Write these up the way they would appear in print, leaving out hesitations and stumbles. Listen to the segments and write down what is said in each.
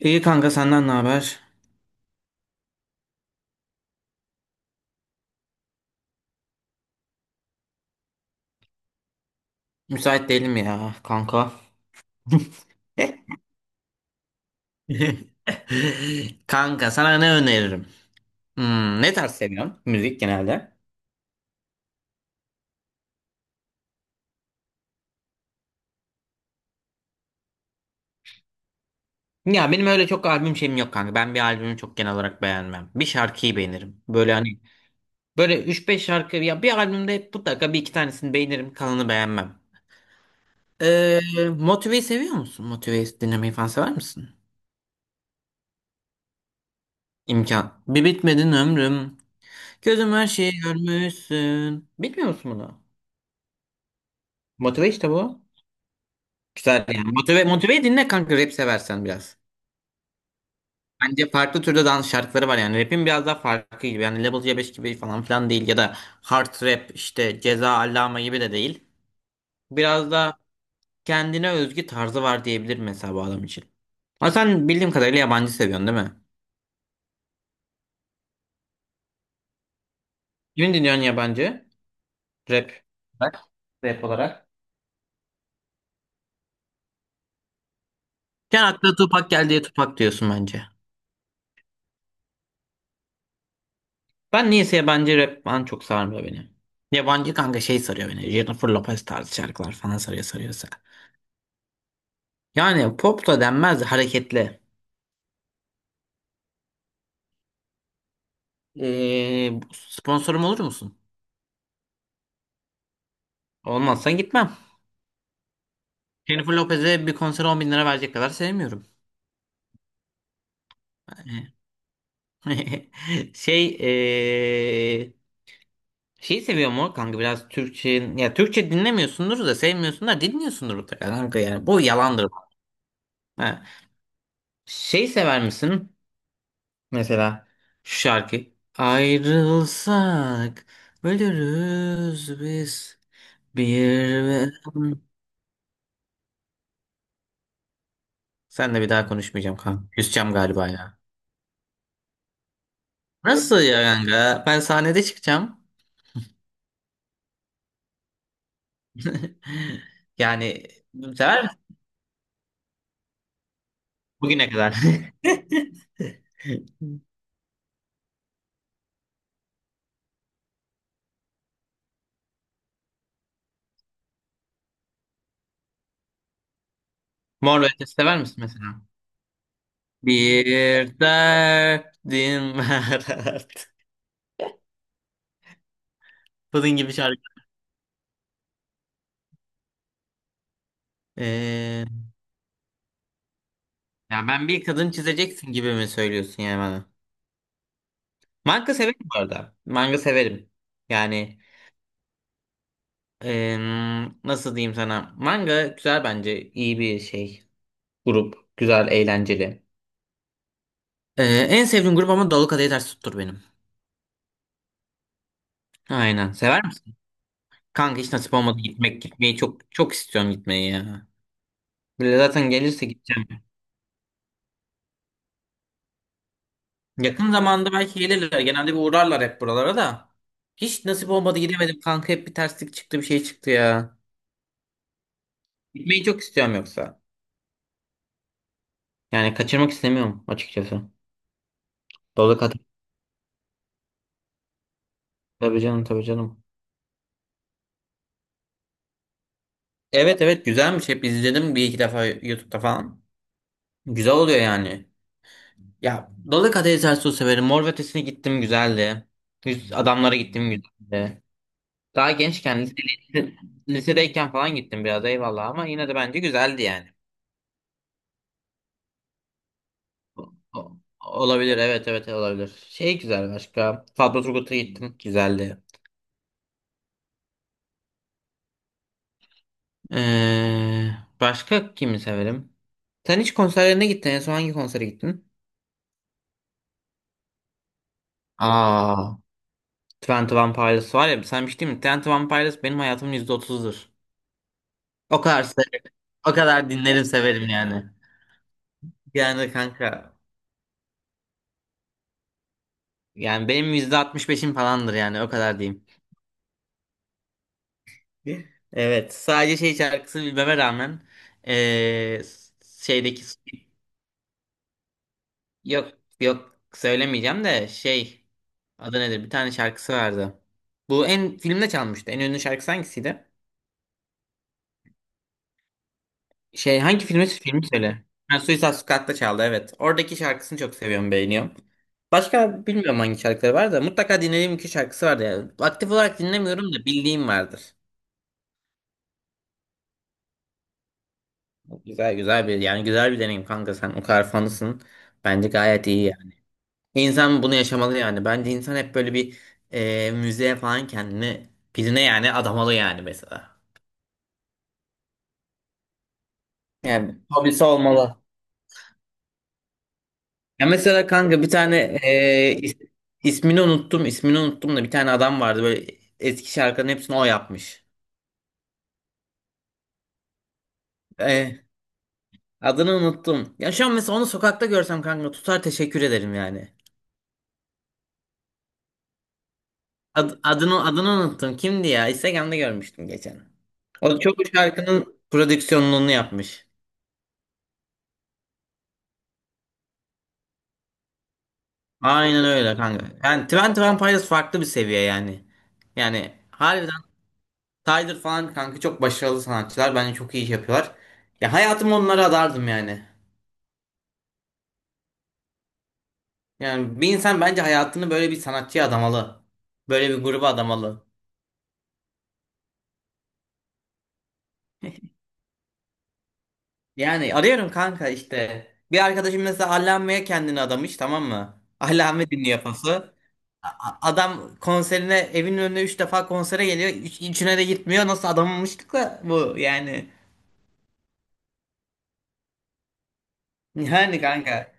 İyi kanka, senden ne haber? Müsait değilim ya kanka. Kanka sana ne öneririm? Hmm, ne tarz seviyorsun müzik genelde? Ya benim öyle çok albüm şeyim yok kanka. Ben bir albümü çok genel olarak beğenmem. Bir şarkıyı beğenirim. Böyle hani böyle üç beş şarkı, ya bir albümde hep mutlaka bir iki tanesini beğenirim, kalanı beğenmem. Ee, Motive'yi seviyor musun? Motive'yi dinlemeyi falan sever misin? İmkan. Bir bitmedin ömrüm. Gözüm her şeyi görmüşsün. Bilmiyor musun bunu? Motive işte bu. Güzel yani. Motive, motive dinle kanka, rap seversen biraz. Bence farklı türde dans şarkıları var yani. Rap'in biraz daha farklı gibi. Yani Level C5 gibi falan filan değil. Ya da hard rap işte, Ceza Allame gibi de değil. Biraz da kendine özgü tarzı var diyebilir mesela bu adam için. Ama sen bildiğim kadarıyla yabancı seviyorsun değil mi? Kimin dinliyorsun yabancı? Rap. Bak. Rap olarak. Sen akla Tupac geldi diye Tupac diyorsun bence. Ben niyeyse yabancı rap falan çok sarmıyor beni. Yabancı kanka şey sarıyor beni. Jennifer Lopez tarzı şarkılar falan sarıyor, sarıyorsa. Yani pop da denmez de hareketli. Ee, sponsorum olur musun? Olmazsan gitmem. Jennifer Lopez'e bir konsere 10 bin lira verecek kadar sevmiyorum. Şey şeyi seviyor mu kanka biraz Türkçe, ya Türkçe dinlemiyorsundur da sevmiyorsunlar dinliyorsundur mutlaka kanka, yani bu yalandır. Ha. Şey sever misin? Mesela şu şarkı. Ayrılsak ölürüz biz bir ve... Sen de, bir daha konuşmayacağım kanka. Küseceğim galiba ya. Nasıl ya kanka? Ben sahnede çıkacağım. Yani sever misin? Bugüne kadar. Mor ve Ötesi sever misin mesela? Bir derdim var. artık. Bunun gibi şarkı. Ee, ya ben bir kadın çizeceksin gibi mi söylüyorsun yani bana? Manga severim bu arada. Manga severim. Yani nasıl diyeyim sana? Manga güzel bence. İyi bir şey. Grup. Güzel, eğlenceli. Ee, en sevdiğim grup ama Dolu Kadehi Ters Tuttur benim. Aynen. Sever misin? Kanka hiç nasip olmadı gitmek. Gitmeyi çok çok istiyorum, gitmeyi ya. Böyle zaten gelirse gideceğim. Yakın zamanda belki gelirler. Genelde bir uğrarlar hep buralara da. Hiç nasip olmadı, gidemedim kanka. Hep bir terslik çıktı, bir şey çıktı ya. Gitmeyi çok istiyorum yoksa. Yani kaçırmak istemiyorum açıkçası. Dolu Tabii canım, tabii canım. Evet, evet, güzelmiş. Hep izledim bir iki defa YouTube'da falan. Güzel oluyor yani. Ya Dolu Kadehi Ters severim. Mor ve Ötesi'ne gittim, güzeldi. Yüz Adamlara gittim, güzeldi. Daha gençken lise- lisedeyken falan gittim biraz, eyvallah, ama yine de bence güzeldi yani. O- o- Olabilir, evet evet olabilir. Şey güzel, başka. Fatma Turgut'a gittim, güzeldi. Ee, başka kimi severim? Sen hiç konserlerine gittin, en son hangi konsere gittin? Aa. Twenty One Pilots var ya, sen bir şey diyeyim mi? Twenty One Pilots benim hayatımın %30'udur. O kadar se- o kadar dinlerim severim yani. Yani kanka, yani benim %65'im falandır yani, o kadar diyeyim. Evet, sadece şey şarkısı bilmeme rağmen, eee, şeydeki, yok yok, söylemeyeceğim de şey, adı nedir, bir tane şarkısı vardı. Bu filmde çalmıştı. En ünlü şarkısı hangisiydi? Şey hangi filmi söyle. Ha, Suicide Squad'da çaldı, evet. Oradaki şarkısını çok seviyorum, beğeniyorum. Başka bilmiyorum hangi şarkıları var da mutlaka dinlediğim iki şarkısı vardı yani. Aktif olarak dinlemiyorum da bildiğim vardır. Güzel güzel bir, yani güzel bir deneyim kanka, sen o kadar fanısın. Bence gayet iyi yani. İnsan bunu yaşamalı yani. Bence insan hep böyle bir müzeye falan kendini, birine yani adamalı yani mesela. Yani hobisi olmalı. Ya mesela kanka bir tane e, is- ismini unuttum, ismini unuttum da, bir tane adam vardı böyle, eski şarkıların hepsini o yapmış. E, adını unuttum. Ya şu an mesela onu sokakta görsem kanka tutar teşekkür ederim yani. Adını unuttum. Kimdi ya? Instagram'da görmüştüm geçen. O da çok bu şarkının prodüksiyonluğunu yapmış. Aynen öyle kanka. Yani Twenty One Pilots farklı bir seviye yani. Yani harbiden Tyler falan kanka, çok başarılı sanatçılar. Bence çok iyi iş yapıyorlar. Ya hayatımı onlara adardım yani. Yani bir insan bence hayatını böyle bir sanatçıya adamalı. Böyle bir gruba adamalı. Yani arıyorum kanka işte. Bir arkadaşım mesela Allame'ye kendini adamış, tamam mı? Allame dinliyor pası. Adam konserine, evinin önüne 3 defa konsere geliyor. Üçüne de gitmiyor. Nasıl adamamıştık da bu yani. Yani kanka.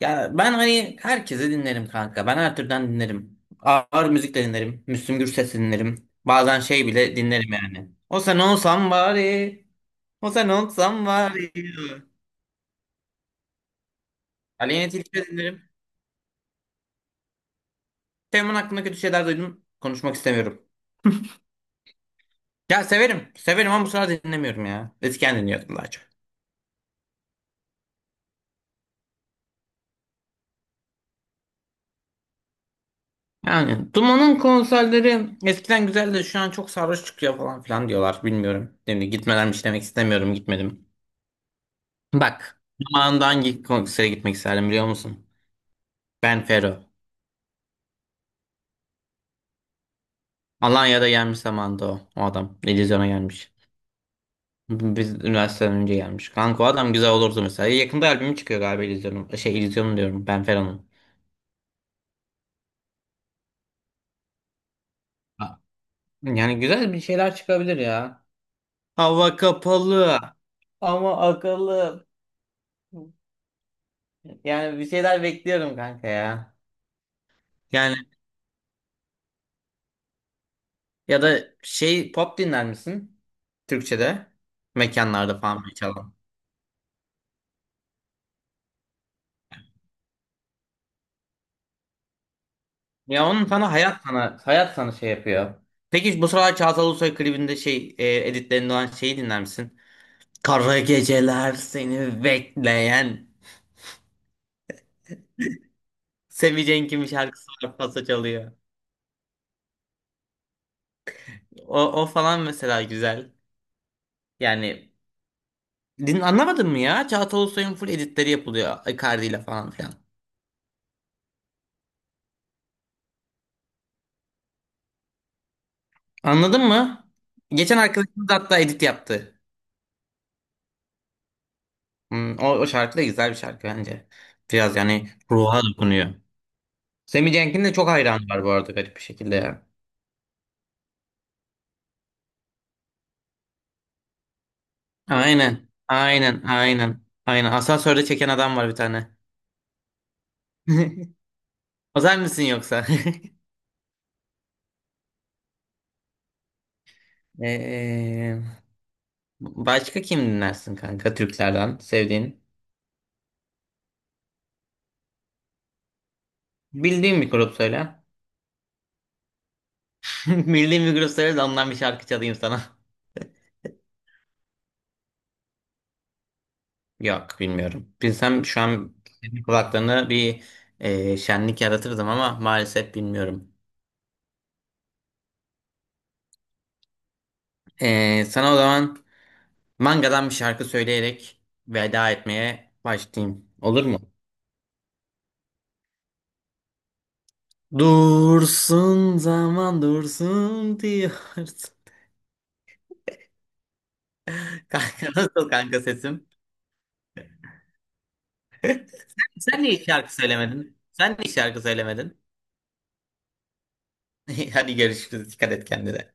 Ya ben hani herkese dinlerim kanka. Ben her türden dinlerim. Ağır müzik de dinlerim. Müslüm Gürses dinlerim. Bazen şey bile dinlerim yani. O sen olsam bari. Hosen olsam var ya. Aleyhine Tilki'yi dinlerim. Teoman hakkında kötü şeyler duydum. Konuşmak istemiyorum. Ya severim. Severim ama bu sıralar dinlemiyorum ya. Eskiden dinliyordum daha çok. Yani Duman'ın konserleri eskiden güzeldi. Şu an çok sarhoş çıkıyor falan filan diyorlar. Bilmiyorum. Şimdi gitmelermiş demek istemiyorum. Gitmedim. Bak. Zamanında hangi konsere gitmek isterdim biliyor musun? Ben Fero. Alanya'da gelmiş zamanında o. O adam. İllüzyona gelmiş. Biz üniversiteden önce gelmiş. Kanka o adam güzel olurdu mesela. Yakında albümü çıkıyor galiba İllüzyon'un. Şey İllüzyon'un diyorum, Ben Fero'nun. Ha, yani güzel bir şeyler çıkabilir ya. Hava kapalı ama akıllı. Yani bir şeyler bekliyorum kanka ya. Yani ya da şey, pop dinler misin Türkçe'de? Mekanlarda falan bir çalan. Ya onun sana hayat, sana hayat, sana şey yapıyor. Peki bu sıralar Çağatay Ulusoy klibinde, şey editlerinde olan şeyi dinler misin? Kara geceler seni bekleyen. Seveceğin kimi şarkısı var, pasa çalıyor. O falan mesela güzel. Yani anlamadın mı ya? Çağatay Ulusoy'un full editleri yapılıyor, Icardi ile falan filan. Anladın mı? Geçen arkadaşımız hatta edit yaptı. O şarkı da güzel bir şarkı bence. Biraz yani ruha dokunuyor. Semih Cenk'in de çok hayranı var bu arada, garip bir şekilde ya. Aynen. Aynen. Aynen. Aynen. Asansörde çeken adam var bir tane. Özel misin yoksa? Ee, başka kim dinlersin kanka, Türklerden sevdiğin? Bildiğin bir grup söyle. Bildiğin bir grup söyle de ondan bir şarkı çalayım sana. Yok, bilmiyorum. Bilsem şu an senin kulaklarına bir şenlik yaratırdım ama maalesef bilmiyorum. Sana o zaman mangadan bir şarkı söyleyerek veda etmeye başlayayım. Olur mu? Dursun zaman dursun diyorsun. Kanka nasıl kanka sesim? Sen niye şarkı söylemedin? Sen niye şarkı söylemedin? Hadi görüşürüz. Dikkat et kendine.